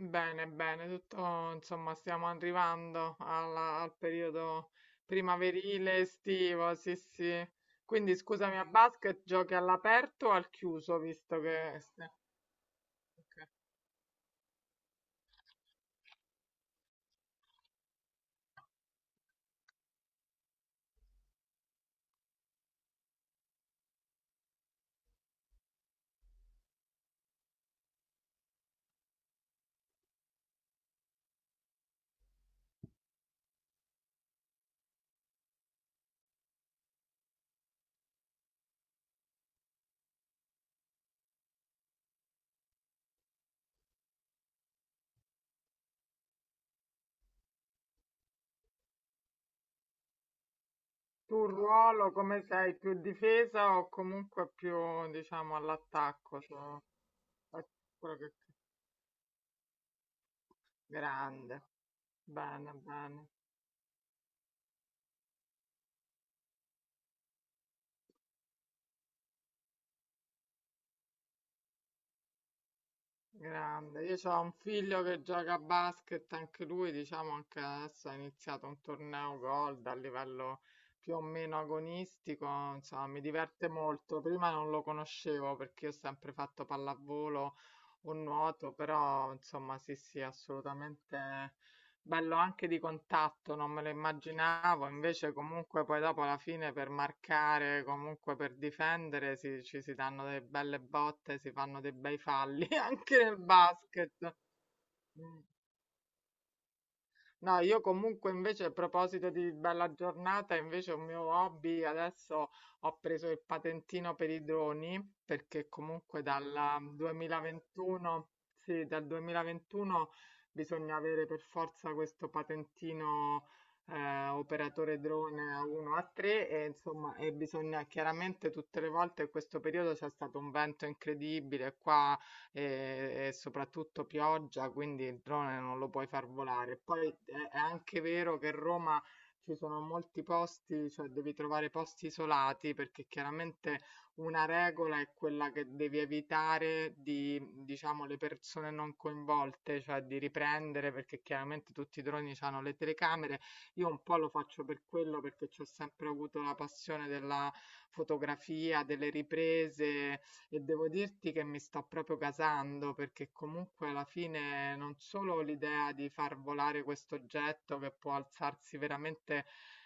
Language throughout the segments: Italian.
Bene, bene, tutto, insomma, stiamo arrivando al periodo primaverile, estivo, sì, sì. Quindi scusami, a basket giochi all'aperto o al chiuso, visto che ok. Tu il ruolo come sei, più difesa o comunque più, diciamo, all'attacco? Quello che- Grande, bene, bene. Grande, io ho un figlio che gioca a basket, anche lui, diciamo, anche adesso ha iniziato un torneo gold a livello più o meno agonistico, insomma, mi diverte molto. Prima non lo conoscevo perché io ho sempre fatto pallavolo o nuoto, però insomma, sì, sì, assolutamente. Bello anche di contatto, non me lo immaginavo, invece comunque poi dopo alla fine per marcare, comunque per difendere, ci si danno delle belle botte, si fanno dei bei falli anche nel basket. No, io comunque invece a proposito di bella giornata, invece un mio hobby, adesso ho preso il patentino per i droni, perché comunque dal 2021, sì, dal 2021 bisogna avere per forza questo patentino, operatore drone A1 A3, e insomma, e bisogna chiaramente tutte le volte in questo periodo c'è stato un vento incredibile qua e soprattutto pioggia, quindi il drone non lo puoi far volare. Poi è anche vero che Roma, ci sono molti posti, cioè devi trovare posti isolati perché chiaramente una regola è quella che devi evitare di, diciamo, le persone non coinvolte, cioè di riprendere perché chiaramente tutti i droni hanno le telecamere. Io un po' lo faccio per quello perché ci ho sempre avuto la passione della fotografia, delle riprese, e devo dirti che mi sta proprio gasando perché comunque alla fine non solo l'idea di far volare questo oggetto che può alzarsi veramente,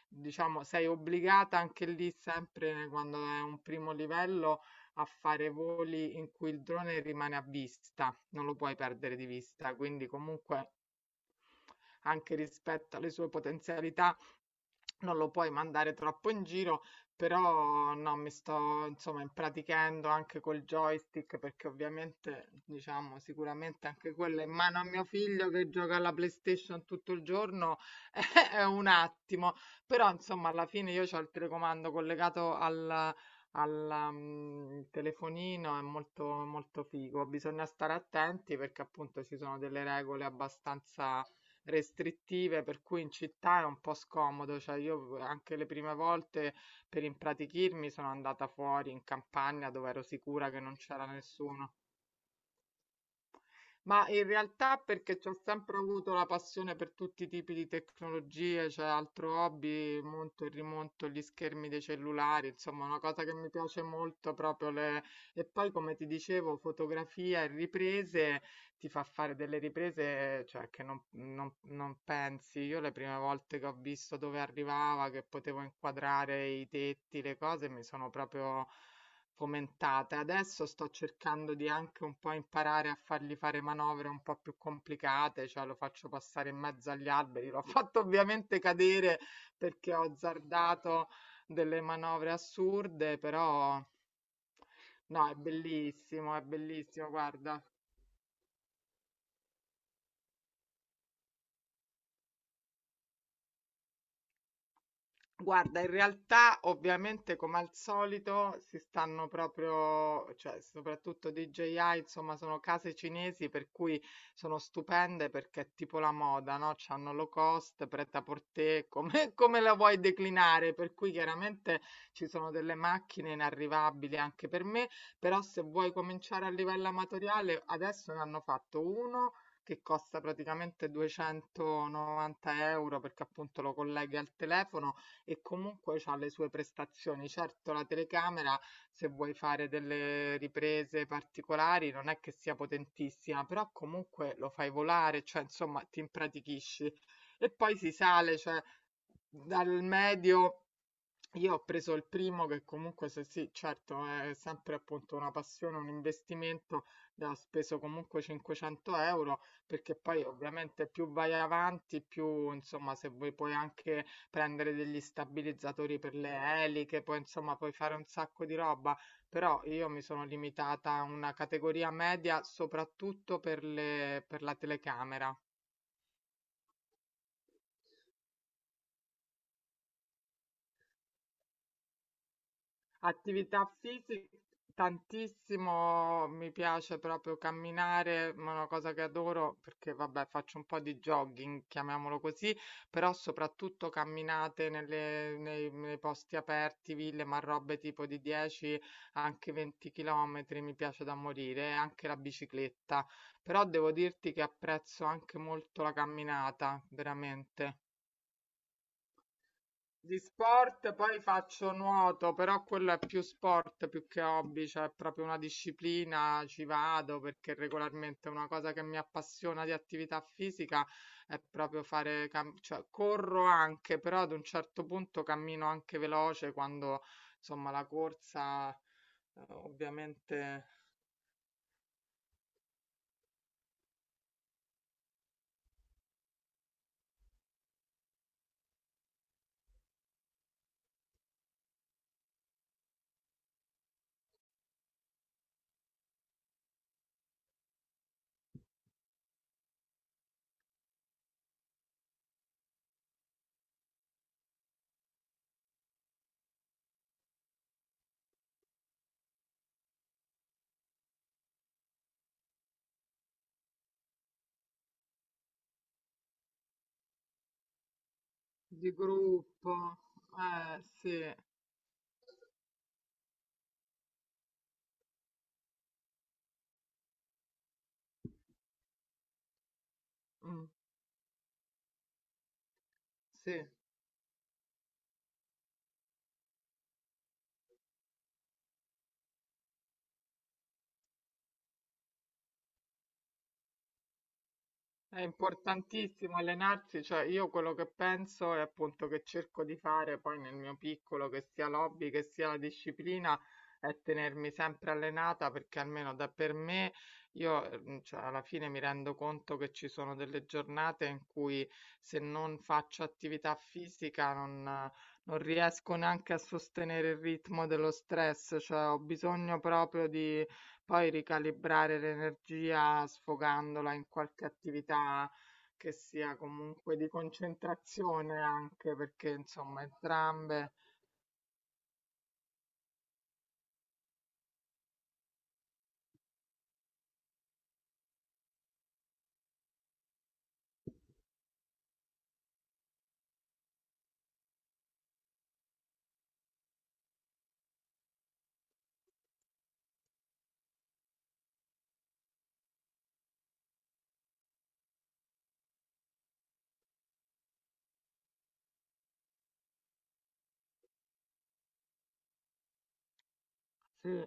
diciamo, sei obbligata anche lì sempre quando è un primo livello, a fare voli in cui il drone rimane a vista, non lo puoi perdere di vista, quindi comunque anche rispetto alle sue potenzialità, non lo puoi mandare troppo in giro, però no, mi sto insomma impratichendo anche col joystick, perché ovviamente diciamo sicuramente anche quello in mano a mio figlio che gioca alla PlayStation tutto il giorno è un attimo, però insomma alla fine io ho il telecomando collegato al telefonino, è molto molto figo, bisogna stare attenti perché appunto ci sono delle regole abbastanza restrittive, per cui in città è un po' scomodo. Cioè, io anche le prime volte per impratichirmi sono andata fuori in campagna dove ero sicura che non c'era nessuno. Ma in realtà perché ho sempre avuto la passione per tutti i tipi di tecnologie, c'è altro hobby, monto e rimonto gli schermi dei cellulari, insomma, una cosa che mi piace molto proprio le... E poi, come ti dicevo, fotografia e riprese, ti fa fare delle riprese, cioè, che non pensi. Io le prime volte che ho visto dove arrivava, che potevo inquadrare i tetti, le cose, mi sono proprio fomentata. Adesso sto cercando di anche un po' imparare a fargli fare manovre un po' più complicate, cioè lo faccio passare in mezzo agli alberi. L'ho fatto ovviamente cadere perché ho azzardato delle manovre assurde, però no, è bellissimo, guarda. Guarda, in realtà ovviamente come al solito si stanno proprio, cioè soprattutto DJI, insomma sono case cinesi per cui sono stupende perché è tipo la moda, no? C'hanno low cost, prêt-à-porter, come, come la vuoi declinare? Per cui chiaramente ci sono delle macchine inarrivabili anche per me, però se vuoi cominciare a livello amatoriale, adesso ne hanno fatto uno che costa praticamente 290 €, perché appunto lo colleghi al telefono e comunque c'ha le sue prestazioni. Certo, la telecamera, se vuoi fare delle riprese particolari, non è che sia potentissima, però comunque lo fai volare, cioè insomma ti impratichisci. E poi si sale, cioè dal medio, io ho preso il primo che comunque se sì, certo, è sempre appunto una passione, un investimento, ho speso comunque 500 euro, perché poi ovviamente più vai avanti, più insomma se vuoi puoi anche prendere degli stabilizzatori per le eliche, poi insomma puoi fare un sacco di roba, però io mi sono limitata a una categoria media soprattutto per per la telecamera. Attività fisica tantissimo, mi piace proprio camminare, ma è una cosa che adoro perché vabbè, faccio un po' di jogging, chiamiamolo così, però soprattutto camminate nei posti aperti, ville, ma robe tipo di 10, anche 20 chilometri, mi piace da morire, e anche la bicicletta. Però devo dirti che apprezzo anche molto la camminata, veramente. Di sport poi faccio nuoto, però quello è più sport più che hobby, cioè è proprio una disciplina, ci vado perché regolarmente una cosa che mi appassiona di attività fisica è proprio fare, cioè corro anche, però ad un certo punto cammino anche veloce quando insomma la corsa ovviamente di gruppo, eh sì, mm, sì. È importantissimo allenarsi, cioè io quello che penso è appunto che cerco di fare poi nel mio piccolo, che sia l'hobby, che sia la disciplina, è tenermi sempre allenata perché almeno da per me io cioè, alla fine mi rendo conto che ci sono delle giornate in cui se non faccio attività fisica non riesco neanche a sostenere il ritmo dello stress, cioè ho bisogno proprio di poi ricalibrare l'energia sfogandola in qualche attività che sia comunque di concentrazione anche perché insomma entrambe sì.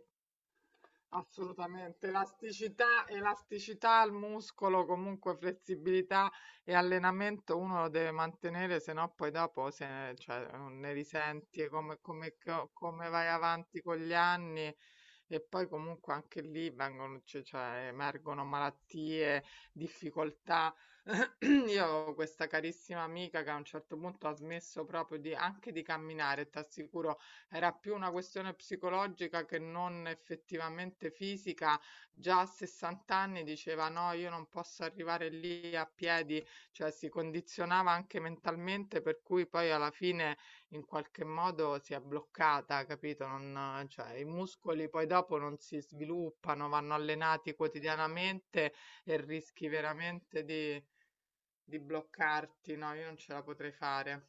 Assolutamente, elasticità elasticità al muscolo, comunque flessibilità e allenamento uno lo deve mantenere, se no poi dopo se ne, cioè, non ne risenti, e come, come vai avanti con gli anni e poi comunque anche lì vengono, cioè, emergono malattie, difficoltà. Io avevo questa carissima amica che a un certo punto ha smesso proprio di, anche di camminare, ti assicuro era più una questione psicologica che non effettivamente fisica. Già a 60 anni diceva: No, io non posso arrivare lì a piedi, cioè si condizionava anche mentalmente, per cui poi alla fine in qualche modo si è bloccata, capito? Cioè, i muscoli poi dopo non si sviluppano, vanno allenati quotidianamente e rischi veramente di bloccarti. No, io non ce la potrei fare.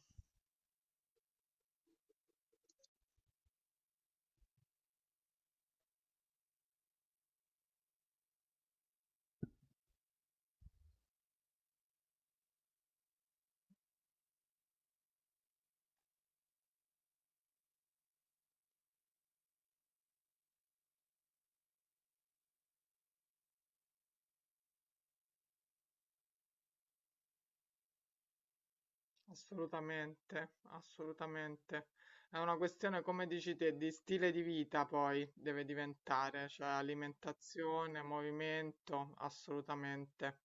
Assolutamente, assolutamente. È una questione, come dici te, di stile di vita poi deve diventare, cioè alimentazione, movimento, assolutamente.